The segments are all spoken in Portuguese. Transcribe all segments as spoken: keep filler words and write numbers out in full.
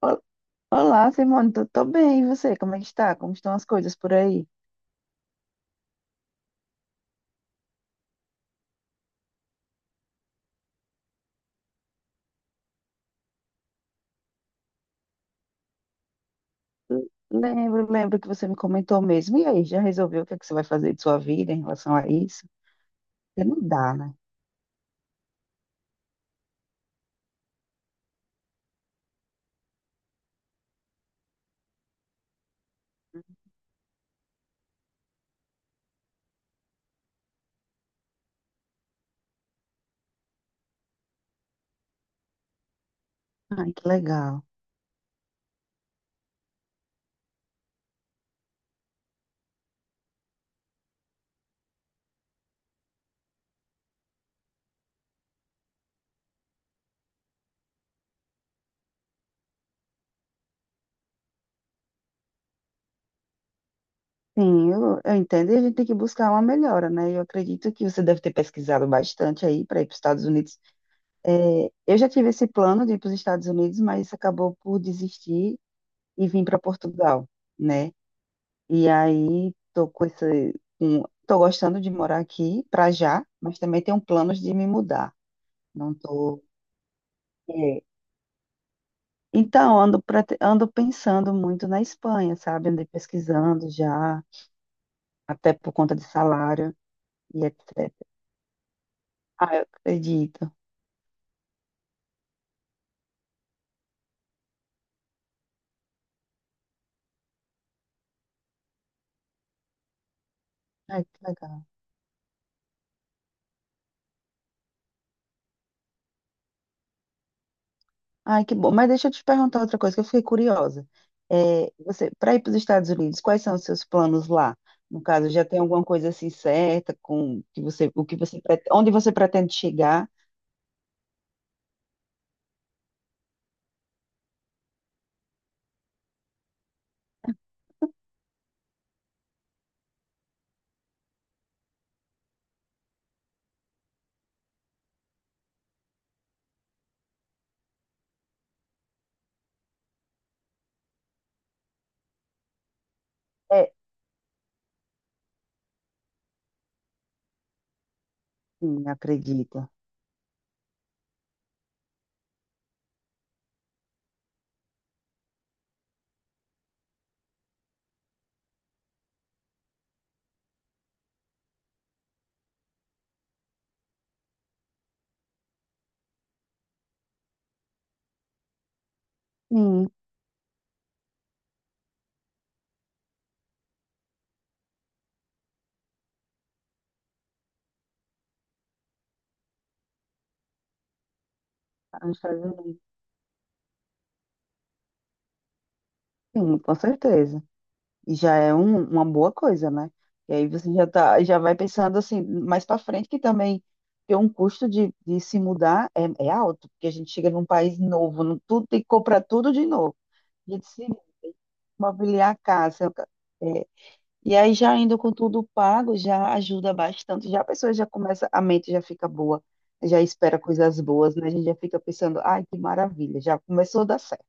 Ol- Olá, Simone, tô, tô bem, e você? Como é que está? Como estão as coisas por aí? L- Lembro, lembro que você me comentou mesmo. E aí, já resolveu o que é que você vai fazer de sua vida em relação a isso? Porque não dá, né? Ai, que legal. Sim, eu, eu entendo e a gente tem que buscar uma melhora, né? Eu acredito que você deve ter pesquisado bastante aí para ir para os Estados Unidos. É, eu já tive esse plano de ir para os Estados Unidos, mas acabou por desistir e vim para Portugal, né? E aí tô com esse, um- tô gostando de morar aqui para já, mas também tenho planos de me mudar. Não tô. É. Então ando prete- ando pensando muito na Espanha, sabe? Andei pesquisando já, até por conta de salário e etcétera. Ah, eu acredito. Ai, que legal. Ai, que bom. Mas deixa eu te perguntar outra coisa que eu fiquei curiosa. É, você, para ir para os Estados Unidos, quais são os seus planos lá? No caso, já tem alguma coisa assim certa com que você, o que você, prete- onde você pretende chegar? É, sim, acredita. Sim, tá nos Estados Unidos. Sim, com certeza. E já é um- uma boa coisa, né? E aí você já tá, já vai pensando assim, mais para frente, que também ter um custo de, de se mudar é, é alto, porque a gente chega num país novo, não, tudo, tem que comprar tudo de novo. A gente se mobiliar a casa, é, E aí já indo com tudo pago, já ajuda bastante. Já a pessoa já começa, a mente já fica boa, já espera coisas boas, né? A gente já fica pensando, ai, que maravilha, já começou a dar certo.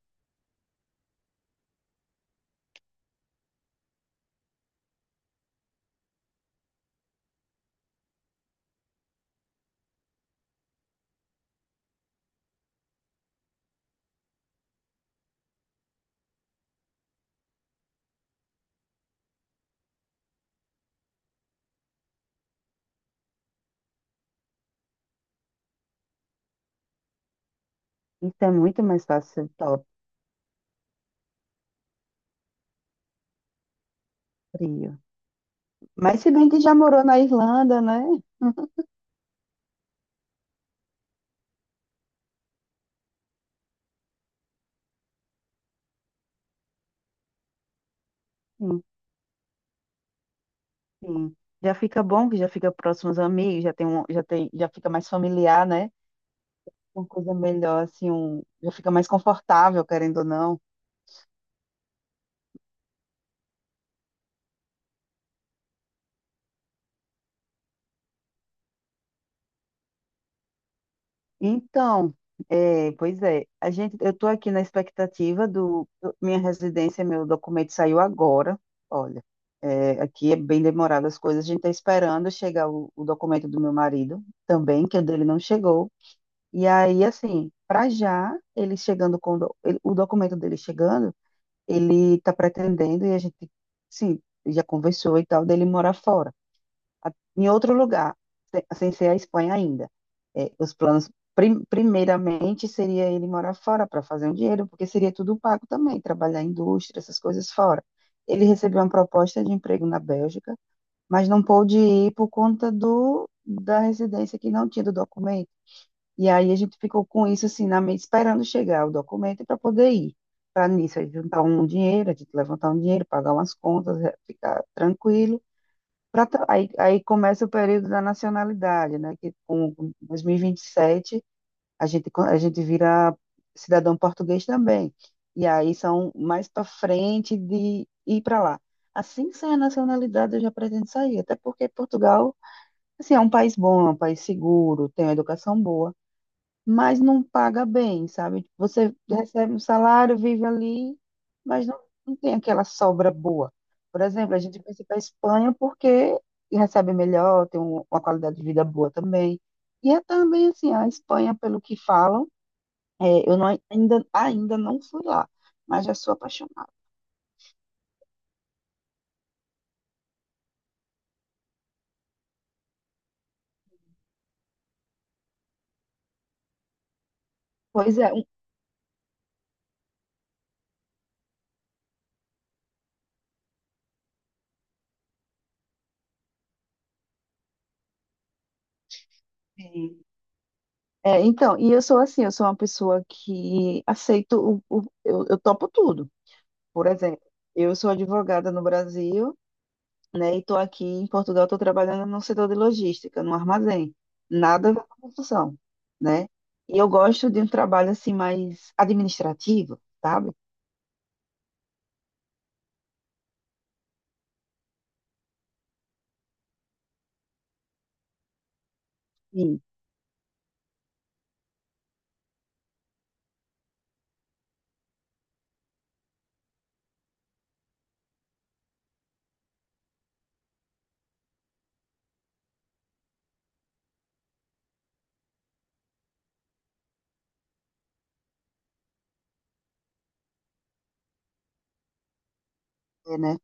Então é muito mais fácil, top, frio. Mas se bem que já morou na Irlanda, né? Sim, sim. Já fica bom, que já fica próximo aos amigos, já tem um, já tem, já fica mais familiar, né? Uma coisa melhor, assim, um, já fica mais confortável, querendo ou não. Então, é, pois é, a gente, eu estou aqui na expectativa do, do- minha residência, meu documento saiu agora. Olha, é, aqui é bem demorado as coisas. A gente está esperando chegar o, o documento do meu marido também, que o dele não chegou. E aí, assim, para já ele chegando com o do- ele- o documento dele chegando, ele está pretendendo e a gente, sim, já conversou e tal dele morar fora a- em outro lugar, se- sem ser a Espanha ainda. É, os planos, prim- primeiramente, seria ele morar fora para fazer um dinheiro, porque seria tudo pago também, trabalhar em indústria, essas coisas fora. Ele recebeu uma proposta de emprego na Bélgica, mas não pôde ir por conta do, da residência que não tinha do documento. E aí a gente ficou com isso assim na mente, esperando chegar o documento para poder ir. Para nisso, a gente juntar um dinheiro, a gente levantar um dinheiro, pagar umas contas, eh, ficar tranquilo pra tra- aí, aí começa o período da nacionalidade, né? Que com com dois mil e vinte e sete a gente, co- a gente vira cidadão português também. E aí são mais para frente de ir para lá. Assim que sair a nacionalidade, eu já pretendo sair, até porque Portugal, assim, é um país bom, é um país seguro, tem uma educação boa mas não paga bem, sabe? Você recebe um salário, vive ali, mas não, não tem aquela sobra boa. Por exemplo, a gente pensa para a Espanha porque recebe melhor, tem um- uma qualidade de vida boa também. E é também assim, a Espanha, pelo que falam, é, eu não- ainda, ainda não fui lá, mas já sou apaixonada. Pois é, um- é, então, e eu sou assim, eu sou uma pessoa que aceito, o, o- eu, eu topo tudo. Por exemplo, eu sou advogada no Brasil, né? E estou aqui em Portugal, estou trabalhando no setor de logística, no armazém. Nada a ver com construção, né? E eu gosto de um trabalho assim mais administrativo, sabe? Sim, é, né?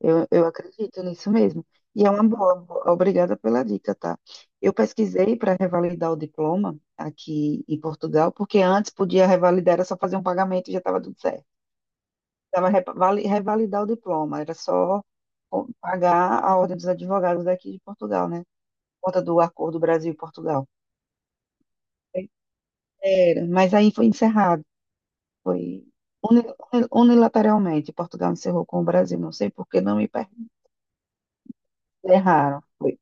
Eu, eu acredito nisso mesmo. E é uma boa, boa. obrigada pela dica, tá? Eu pesquisei para revalidar o diploma aqui em Portugal, porque antes podia revalidar, era só fazer um pagamento e já estava tudo certo. Precisava revali- revalidar o diploma, era só o- pagar a ordem dos advogados daqui de Portugal, né? conta do acordo Brasil e Portugal. Era, mas aí foi encerrado, foi uni- uni- unilateralmente. Portugal encerrou com o Brasil, não sei por que não me per- erraram. Foi.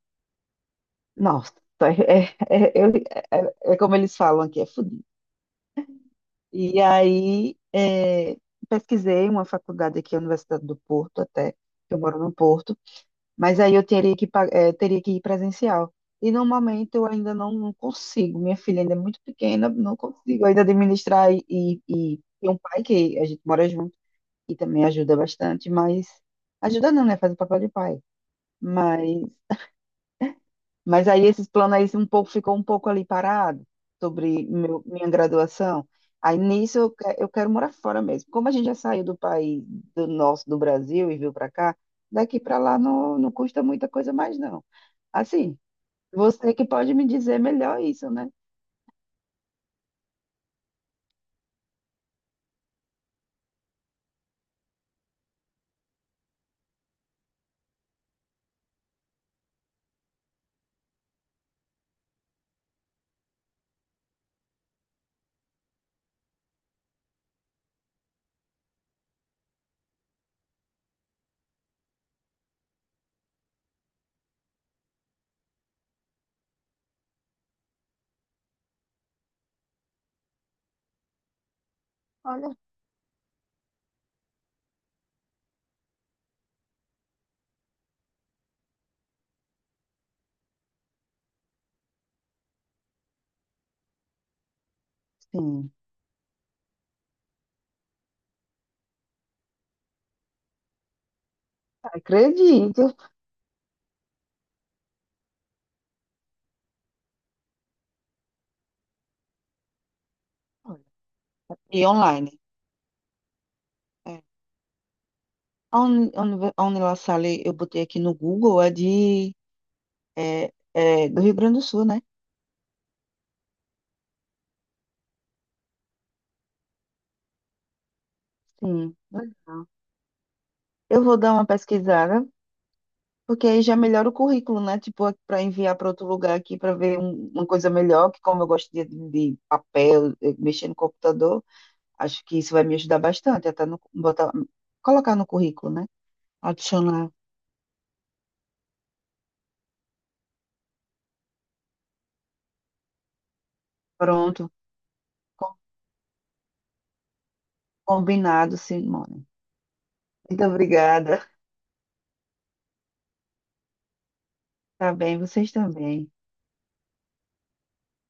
Nossa, é, é, é, eu- é- é como eles falam aqui, é fudido. E aí é, pesquisei uma faculdade aqui, a Universidade do Porto, até, que eu moro no Porto. Mas aí eu teria que, pa- eh, teria que ir presencial. E no momento eu ainda não, não consigo. Minha filha ainda é muito pequena, não consigo ainda administrar e, e, e tem um pai que a gente mora junto e também ajuda bastante, mas ajuda não, né? Faz o papel de pai. Mas mas aí esses planos aí um pouco, ficou um pouco ali parado sobre meu- minha graduação. Aí nisso eu, que- eu quero morar fora mesmo. Como a gente já saiu do país, do nosso, do Brasil e veio para cá, daqui para lá não, não custa muita coisa mais não. Assim, você que pode me dizer melhor isso, né? Olha, sim, acredito. E online. É. A Uni, a Uni- a Unila eu botei aqui no Google, é de é, é do Rio Grande do Sul, né? Sim. Eu vou dar uma pesquisada, porque aí já melhora o currículo, né? Tipo, para enviar para outro lugar aqui para ver um- uma coisa melhor, que como eu gosto de, de papel, eh, mexer no computador, acho que isso vai me ajudar bastante, até no, botar, colocar no currículo, né? Adicionar. Pronto. Com- Combinado, Simone. Muito obrigada. Tá bem, vocês também.